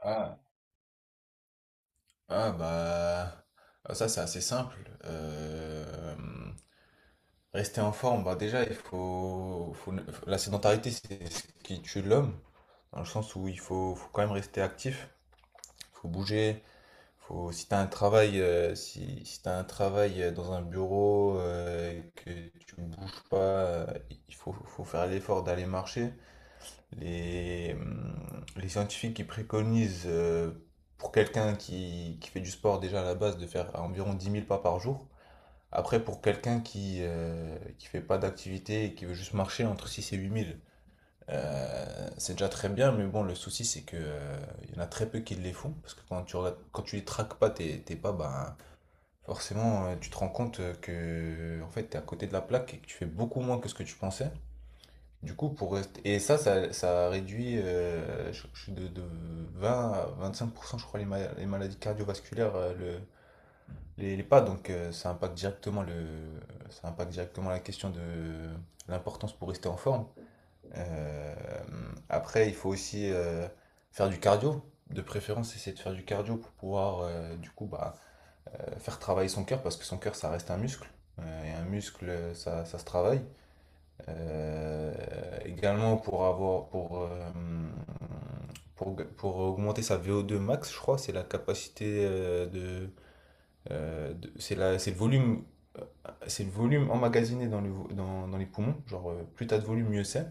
Ah, ah bah ah, ça c'est assez simple. Euh, Rester en forme, bah déjà il faut. La sédentarité c'est ce qui tue l'homme, dans le sens où il faut quand même rester actif, faut bouger. Faut, si t'as un travail si t'as un travail dans un bureau et que tu bouges pas, il faut faire l'effort d'aller marcher. Les scientifiques qui préconisent pour quelqu'un qui fait du sport déjà à la base de faire environ 10 000 pas par jour. Après, pour quelqu'un qui fait pas d'activité et qui veut juste marcher entre 6 000 et 8 000, c'est déjà très bien. Mais bon, le souci c'est que il y en a très peu qui les font parce que quand tu les traques pas tes pas, ben, forcément tu te rends compte que en fait t'es à côté de la plaque et que tu fais beaucoup moins que ce que tu pensais. Du coup, pour rester... Et ça réduit de 20 à 25%, je crois, les maladies cardiovasculaires, les pas. Donc, ça impacte directement la question de l'importance pour rester en forme. Euh, Après, il faut aussi faire du cardio. De préférence, essayer de faire du cardio pour pouvoir, du coup, bah, faire travailler son cœur, parce que son cœur, ça reste un muscle. Et un muscle, ça se travaille. Également pour avoir pour augmenter sa vo deux max, je crois, c'est la capacité c'est le volume euh, emmagasiné dans le vo- dans, dans les poumons, genre plus t'as de volume mieux c'est.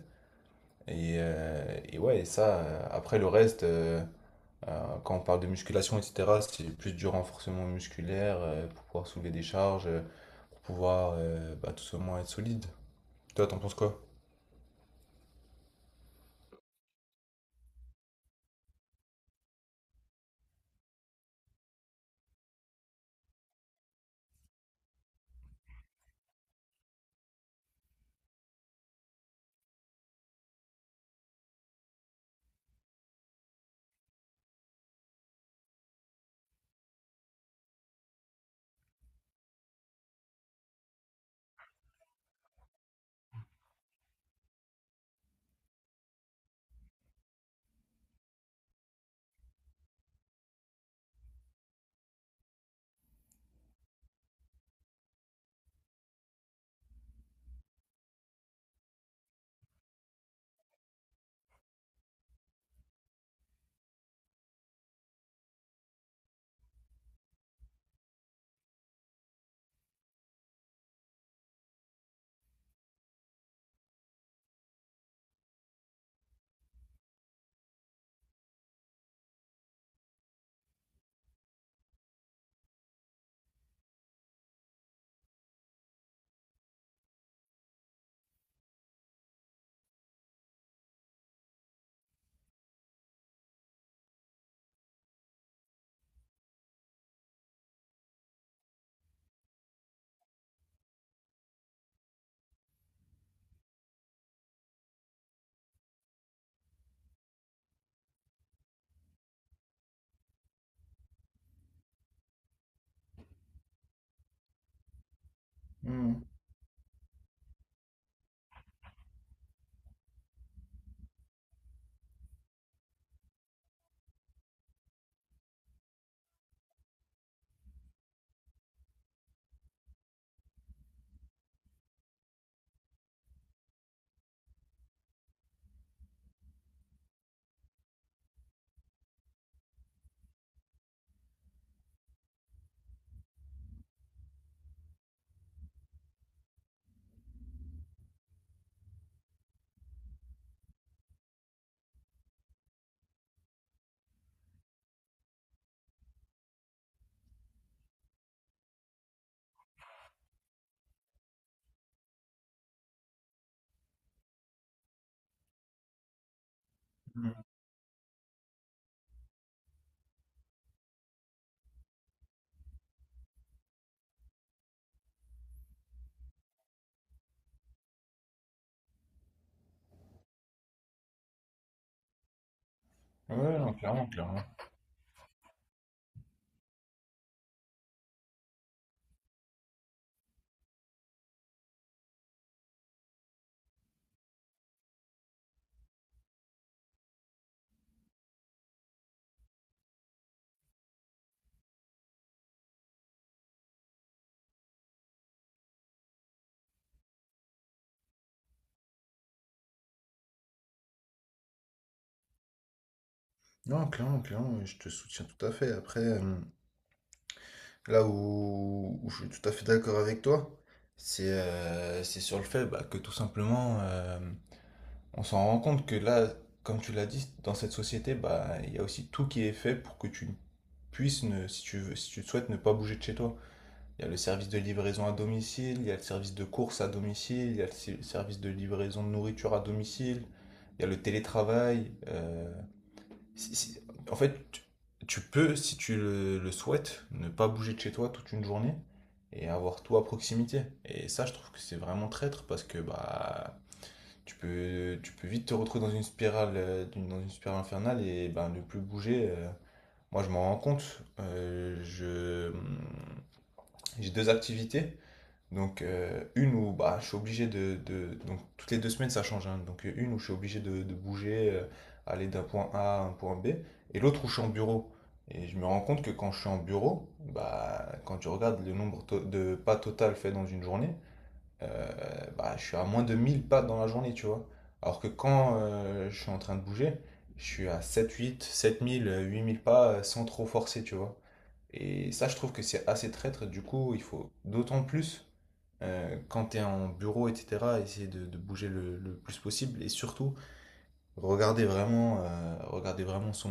Et ouais, et ça après le reste quand on parle de musculation etc., c'est plus du renforcement musculaire pour pouvoir soulever des charges, pour pouvoir bah, tout simplement être solide. Toi, t'en penses quoi? Ouais, non, clairement, clairement. Non, clairement, clairement, je te soutiens tout à fait. Après, là où je suis tout à fait d'accord avec toi, c'est sur le fait bah, que tout simplement, on s'en rend compte que là, comme tu l'as dit, dans cette société, bah, il y a aussi tout qui est fait pour que tu puisses, ne, si tu veux, si tu le souhaites, ne pas bouger de chez toi. Il y a le service de livraison à domicile, il y a le service de course à domicile, il y a le service de livraison de nourriture à domicile, il y a le télétravail. Si- si- En fait, tu peux, si tu le souhaites, ne pas bouger de chez toi toute une journée et avoir tout à proximité. Et ça, je trouve que c'est vraiment traître parce que bah, tu peux vite te retrouver dans une spirale, dans une spirale infernale et ben ne plus bouger. Moi, je m'en rends compte. J'ai deux activités. Donc, une où bah, je suis obligé Donc toutes les 2 semaines ça change, hein. Donc, une où je suis obligé de bouger, aller d'un point A à un point B. Et l'autre où je suis en bureau. Et je me rends compte que quand je suis en bureau, bah, quand tu regardes le nombre de pas total fait dans une journée, euh, bah, je suis à moins de 1 000 pas dans la journée, tu vois. Alors que quand je suis en train de bouger, je suis à 7 000 8 000 pas sans trop forcer, tu vois. Et ça, je trouve que c'est assez traître. Du coup, il faut d'autant plus quand tu es en bureau, etc., essayer de bouger le plus possible et surtout regarder vraiment son,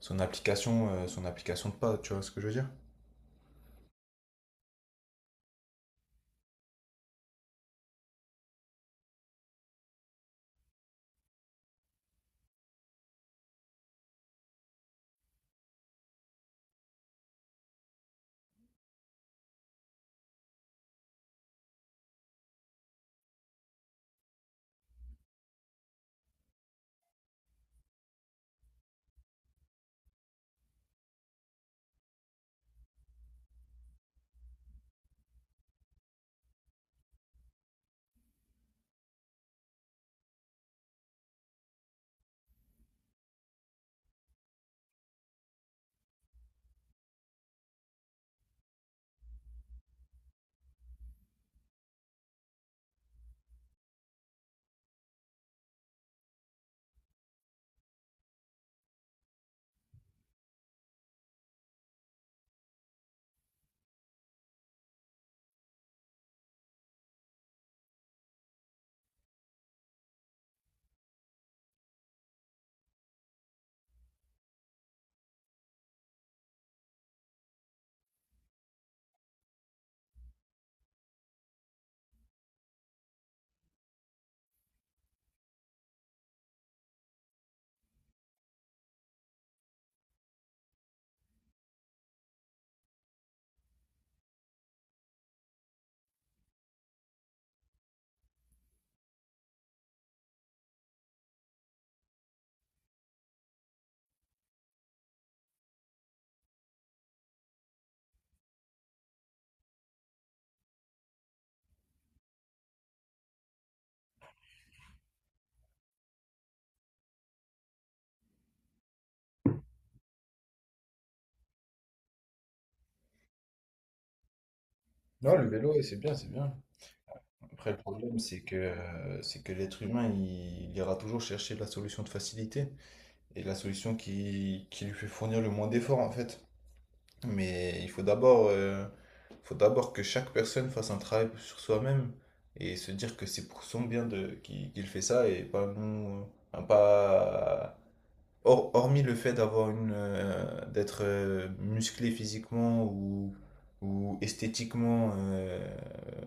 son application, euh, son application de pas, tu vois ce que je veux dire? Non, le vélo, ouais, c'est bien, c'est bien. Après, le problème, c'est que l'être humain, il ira toujours chercher la solution de facilité et la solution qui lui fait fournir le moins d'efforts, en fait. Mais il faut d'abord que chaque personne fasse un travail sur soi-même et se dire que c'est pour son bien qu'il fait ça et pas nous. Enfin, pas, hormis le fait d'être musclé physiquement ou esthétiquement,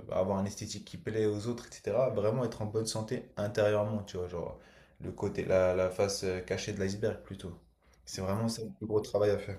bah, avoir un esthétique qui plaît aux autres, etc. Vraiment être en bonne santé intérieurement, tu vois, genre le côté, la face cachée de l'iceberg plutôt. C'est vraiment ça le plus gros travail à faire.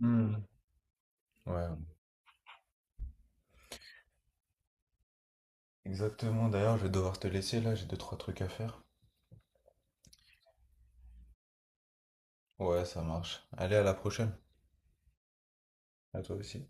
Hmm. Ouais, ouais. Exactement, d'ailleurs, je vais devoir te laisser là, j'ai deux, trois trucs à faire. Ouais, ça marche. Allez, à la prochaine. À toi aussi.